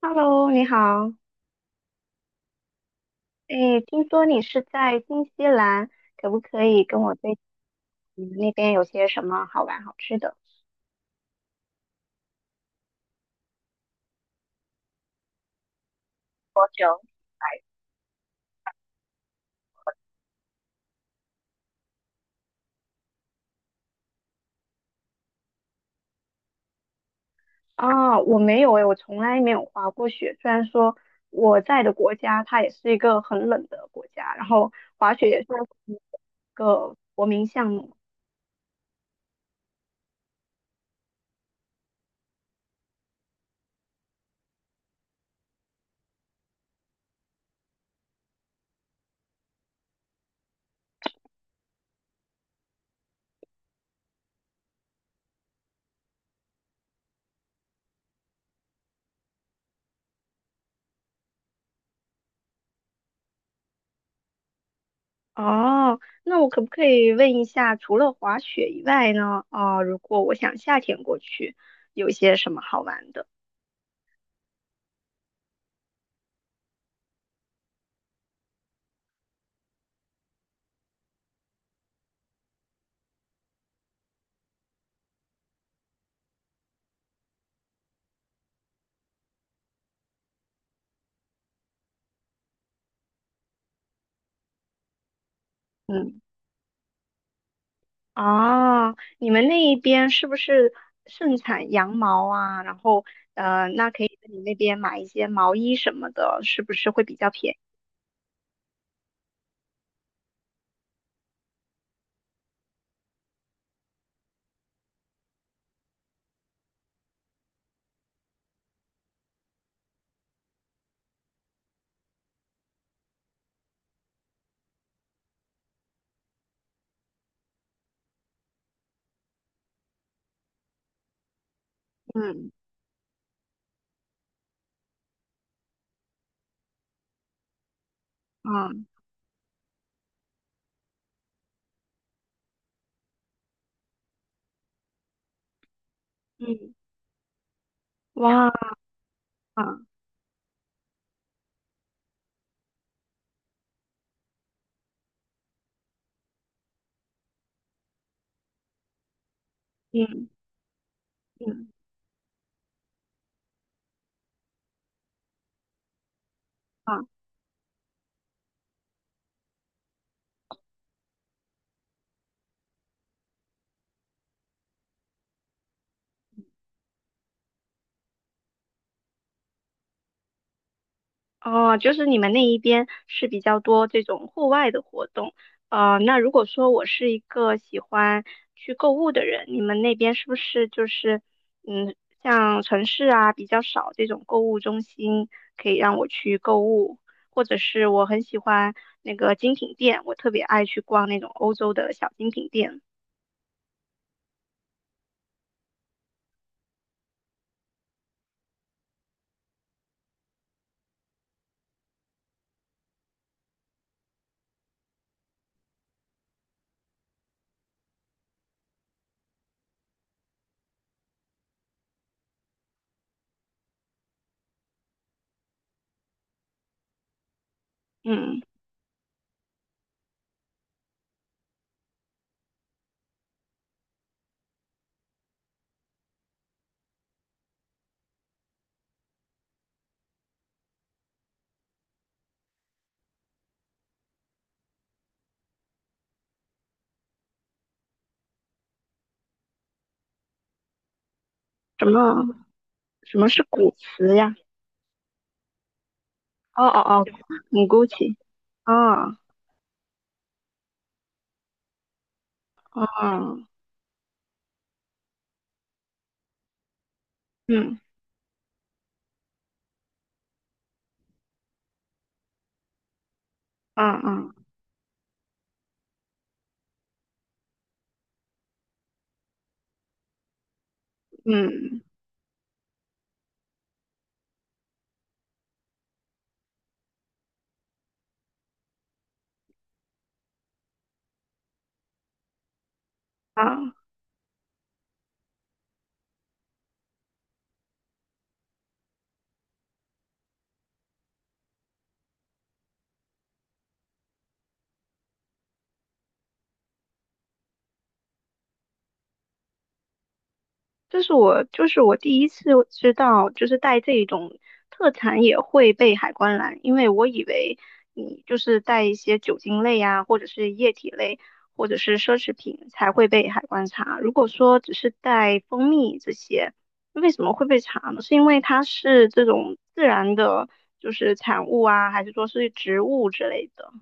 Hello，你好。哎，听说你是在新西兰，可不可以跟我推荐你们那边有些什么好玩好吃的？多久？啊，我没有诶，我从来没有滑过雪。虽然说我在的国家它也是一个很冷的国家，然后滑雪也算是一个国民项目。哦，那我可不可以问一下，除了滑雪以外呢？啊，如果我想夏天过去，有些什么好玩的？嗯。哦，你们那一边是不是盛产羊毛啊？然后，那可以在你那边买一些毛衣什么的，是不是会比较便宜？嗯嗯嗯，哇，嗯嗯啊。哦，就是你们那一边是比较多这种户外的活动。那如果说我是一个喜欢去购物的人，你们那边是不是就是，嗯，像城市啊比较少这种购物中心可以让我去购物，或者是我很喜欢那个精品店，我特别爱去逛那种欧洲的小精品店。嗯，什么什么是古驰呀？哦哦哦，嗯， GUCC。 嗯嗯嗯嗯。嗯啊，这是我就是我第一次知道，就是带这种特产也会被海关拦，因为我以为你就是带一些酒精类啊，或者是液体类，或者是奢侈品才会被海关查。如果说只是带蜂蜜这些，为什么会被查呢？是因为它是这种自然的，就是产物啊，还是说是植物之类的？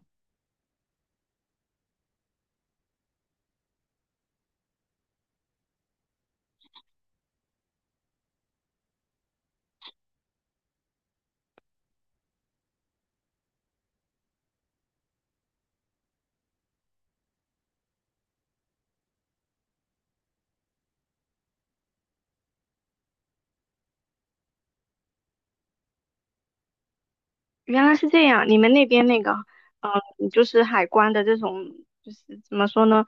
原来是这样，你们那边那个，嗯，就是海关的这种，就是怎么说呢，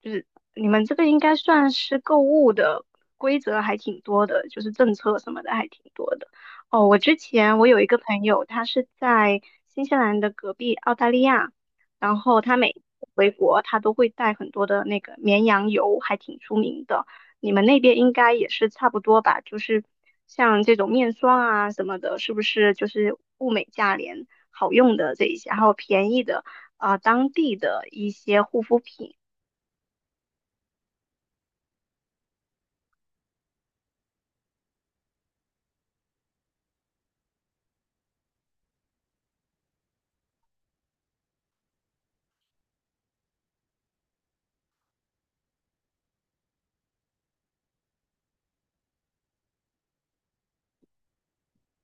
就是你们这个应该算是购物的规则还挺多的，就是政策什么的还挺多的。哦，我之前我有一个朋友，他是在新西兰的隔壁澳大利亚，然后他每次回国他都会带很多的那个绵羊油，还挺出名的。你们那边应该也是差不多吧？就是像这种面霜啊什么的，是不是就是物美价廉、好用的这一些，还有便宜的啊、当地的一些护肤品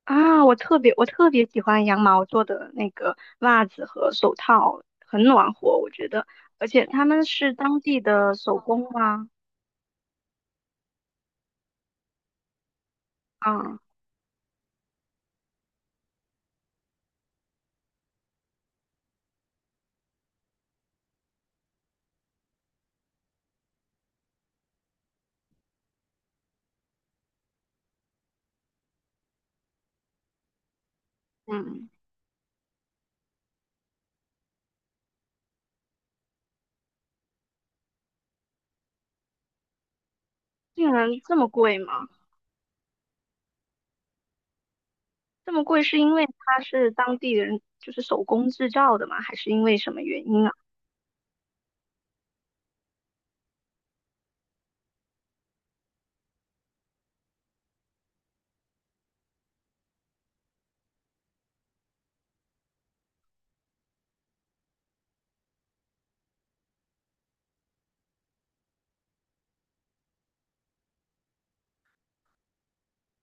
啊？我特别喜欢羊毛做的那个袜子和手套，很暖和，我觉得，而且他们是当地的手工吗？啊嗯，竟然这么贵吗？这么贵是因为它是当地人就是手工制造的吗？还是因为什么原因啊？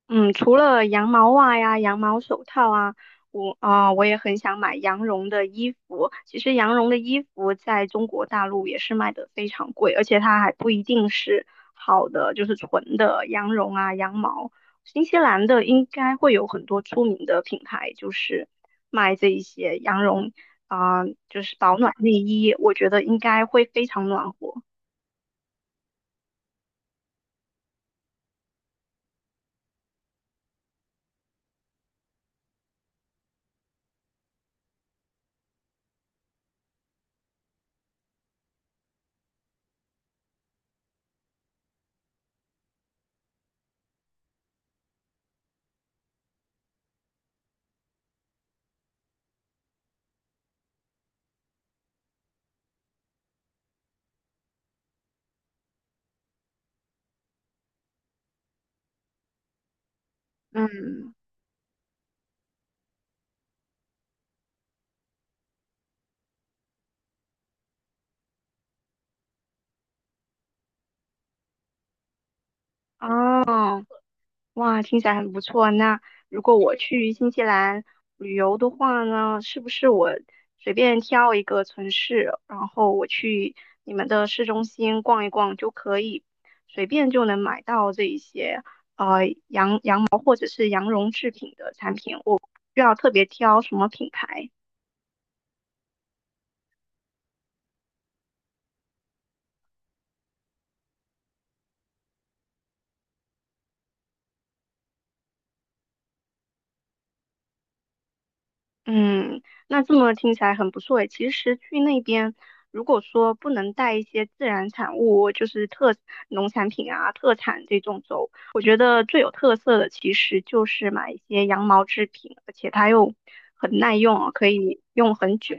嗯，除了羊毛袜呀、羊毛手套啊，我也很想买羊绒的衣服。其实羊绒的衣服在中国大陆也是卖的非常贵，而且它还不一定是好的，就是纯的羊绒啊、羊毛。新西兰的应该会有很多出名的品牌，就是卖这一些羊绒啊、就是保暖内衣，我觉得应该会非常暖和。嗯，哦，哇，听起来很不错。那如果我去新西兰旅游的话呢，是不是我随便挑一个城市，然后我去你们的市中心逛一逛就可以，随便就能买到这一些羊毛或者是羊绒制品的产品，我不需要特别挑什么品牌。嗯，那这么听起来很不错诶。其实去那边，如果说不能带一些自然产物，就是农产品啊、特产这种走，我觉得最有特色的其实就是买一些羊毛制品，而且它又很耐用哦，可以用很久。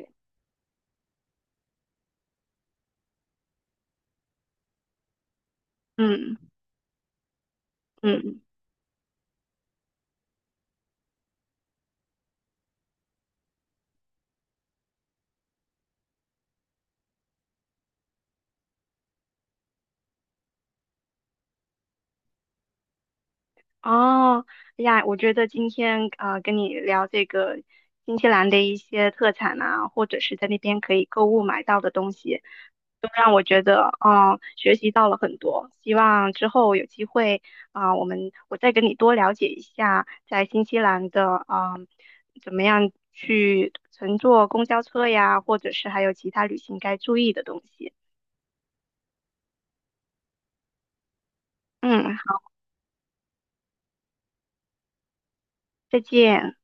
嗯嗯，哦，哎呀，我觉得今天啊、跟你聊这个新西兰的一些特产啊，或者是在那边可以购物买到的东西。我觉得，嗯，学习到了很多，希望之后有机会啊、我再跟你多了解一下在新西兰的，嗯，怎么样去乘坐公交车呀，或者是还有其他旅行该注意的东西。嗯，再见。